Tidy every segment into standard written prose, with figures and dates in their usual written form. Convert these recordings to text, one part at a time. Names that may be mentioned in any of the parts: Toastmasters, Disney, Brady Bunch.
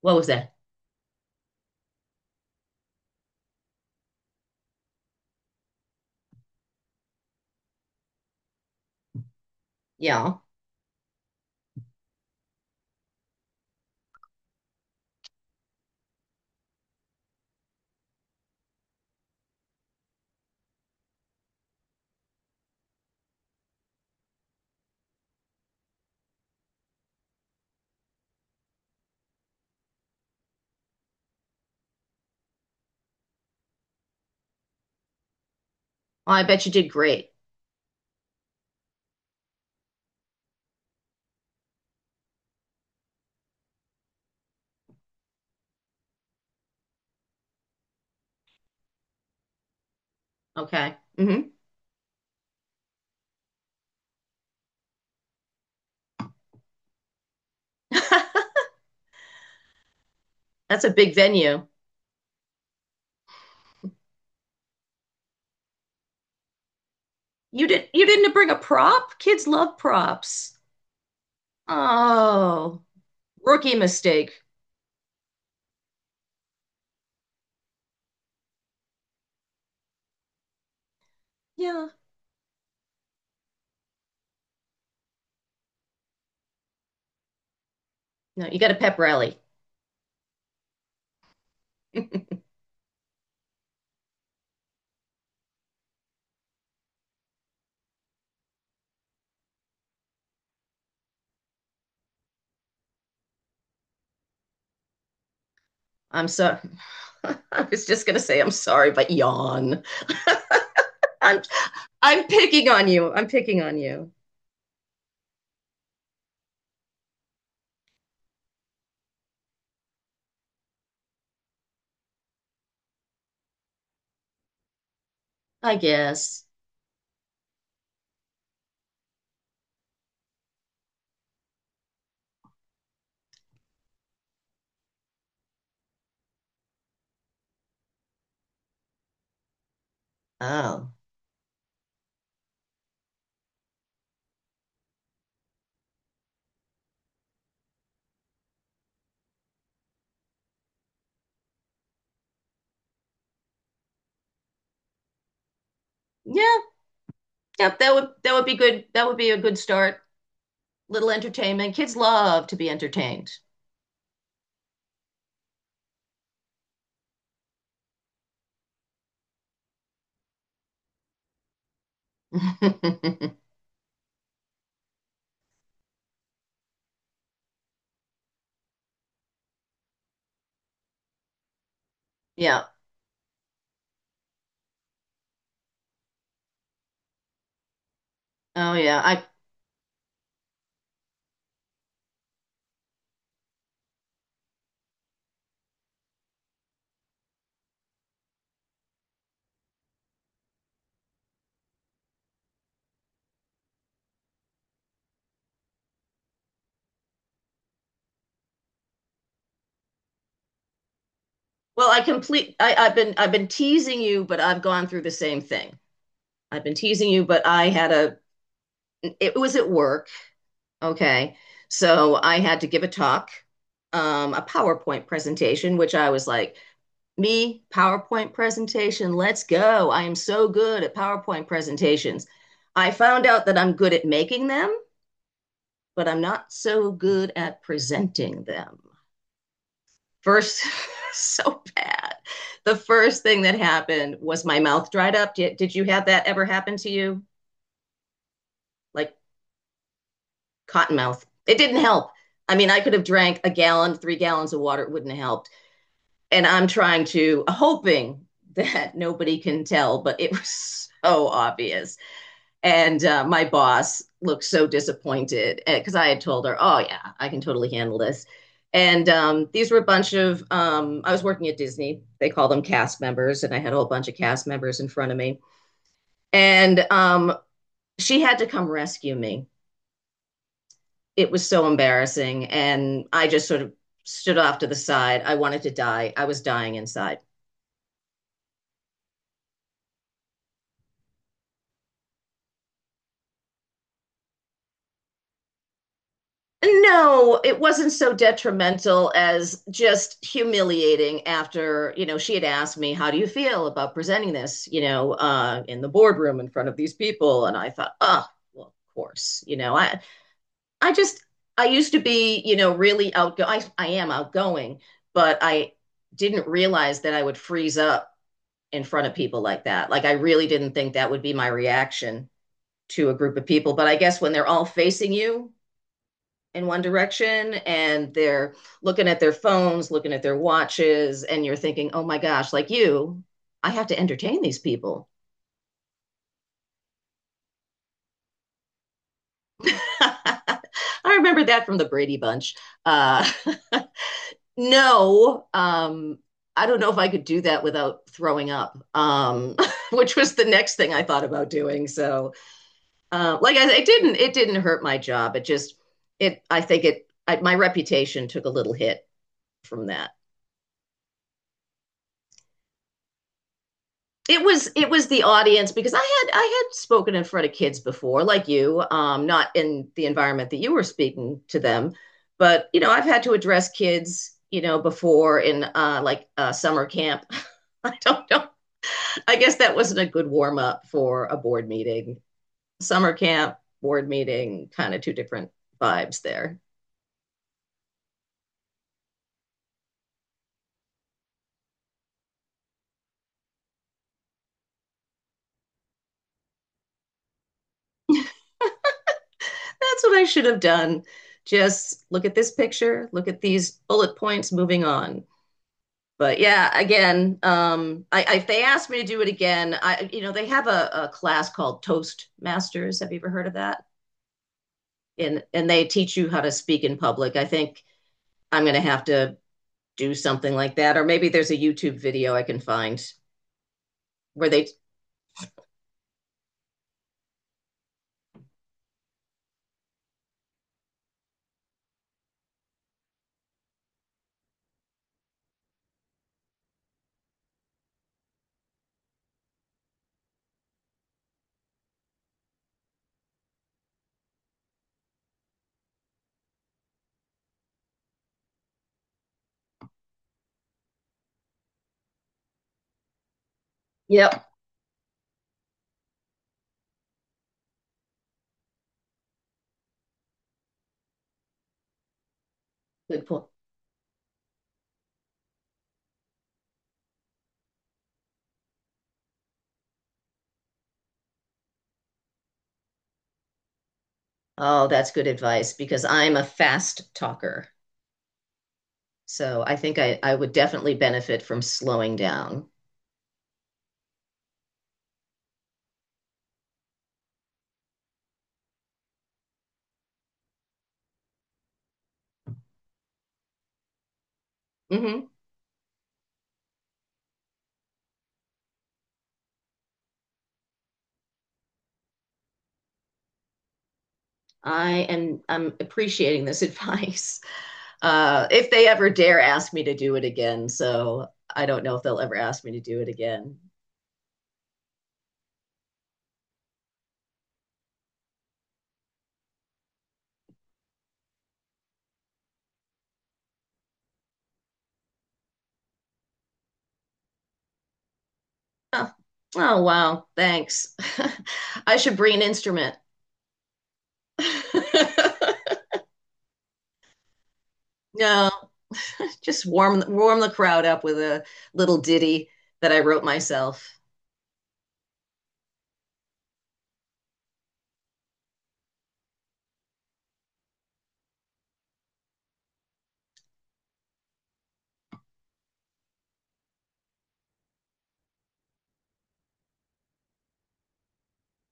What was that? Yeah. Well, I bet you did great. Okay. That's a big venue. You didn't bring a prop? Kids love props. Oh, rookie mistake. Yeah. No, you got a pep rally. I'm sorry. I was just gonna say I'm sorry, but yawn. I'm I'm picking on you. I'm picking on you. I guess. Oh. Yeah, yeah, that would be good. That would be a good start. Little entertainment. Kids love to be entertained. Yeah. Oh yeah. I well, I complete I, I've been teasing you, but I've gone through the same thing. I've been teasing you, but I had a it was at work. Okay. So I had to give a talk, a PowerPoint presentation, which I was like, me, PowerPoint presentation, let's go. I am so good at PowerPoint presentations. I found out that I'm good at making them, but I'm not so good at presenting them. First So bad, the first thing that happened was my mouth dried up. Did you have that ever happen to you like cotton mouth? It didn't help. I mean, I could have drank a gallon, 3 gallons of water, it wouldn't have helped. And I'm trying to hoping that nobody can tell, but it was so obvious. And my boss looked so disappointed because I had told her, "Oh yeah, I can totally handle this." And these were a bunch of I was working at Disney. They call them cast members, and I had a whole bunch of cast members in front of me. And she had to come rescue me. It was so embarrassing, and I just sort of stood off to the side. I wanted to die. I was dying inside. No, it wasn't so detrimental as just humiliating. After, you know, she had asked me, how do you feel about presenting this, you know, in the boardroom in front of these people? And I thought, oh, well, of course, you know, I just, I used to be, you know, really outgoing. I am outgoing, but I didn't realize that I would freeze up in front of people like that. Like, I really didn't think that would be my reaction to a group of people. But I guess when they're all facing you, in one direction, and they're looking at their phones, looking at their watches, and you're thinking, oh my gosh, like you, I have to entertain these people. I remember that from the Brady Bunch. Uh, no, I don't know if I could do that without throwing up, which was the next thing I thought about doing. So, like it didn't hurt my job. It just, it, I think it, I, my reputation took a little hit from that. It was it was the audience, because I had spoken in front of kids before, like you, not in the environment that you were speaking to them, but you know I've had to address kids, you know, before in like summer camp. I don't know. I guess that wasn't a good warm up for a board meeting. Summer camp, board meeting, kind of two different vibes there. That's what I should have done. Just look at this picture, look at these bullet points, moving on. But yeah, again, if they asked me to do it again, I, you know, they have a class called Toastmasters. Have you ever heard of that? And they teach you how to speak in public. I think I'm going to have to do something like that, or maybe there's a YouTube video I can find where they. Yep, good point. Oh, that's good advice because I'm a fast talker. So I think I would definitely benefit from slowing down. hmm I'm appreciating this advice. If they ever dare ask me to do it again. So I don't know if they'll ever ask me to do it again. Oh, oh wow, thanks. I should bring an instrument. No, just warm the crowd up with a little ditty that I wrote myself.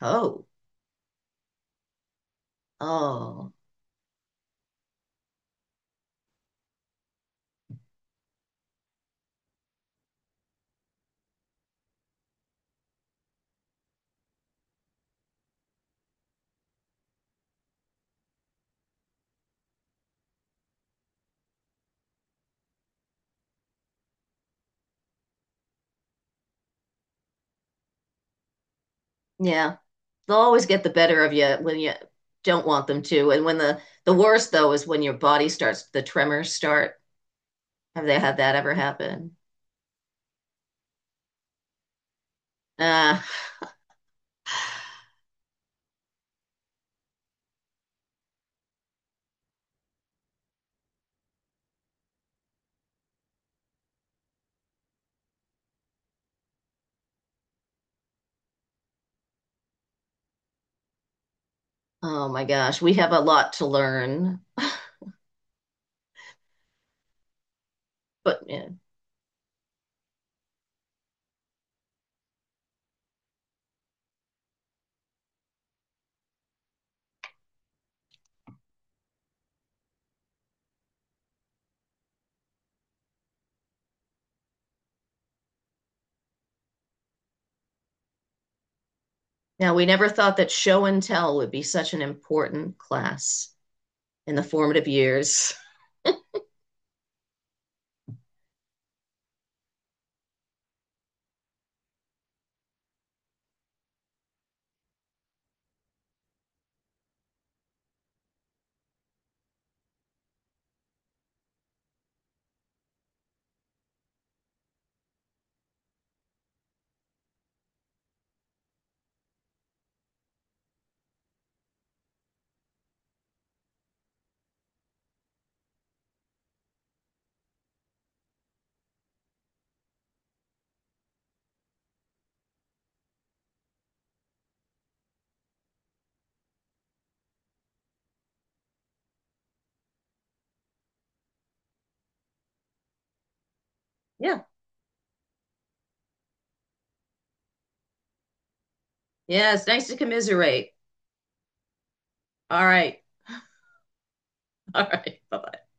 Oh, oh, yeah. They'll always get the better of you when you don't want them to. And when the worst though is when your body starts, the tremors start. Have they had that ever happen? Ah. Uh, oh my gosh, we have a lot to learn. But yeah. Now, we never thought that show and tell would be such an important class in the formative years. Yeah. Yeah, it's nice to commiserate. All right. All right. Bye-bye.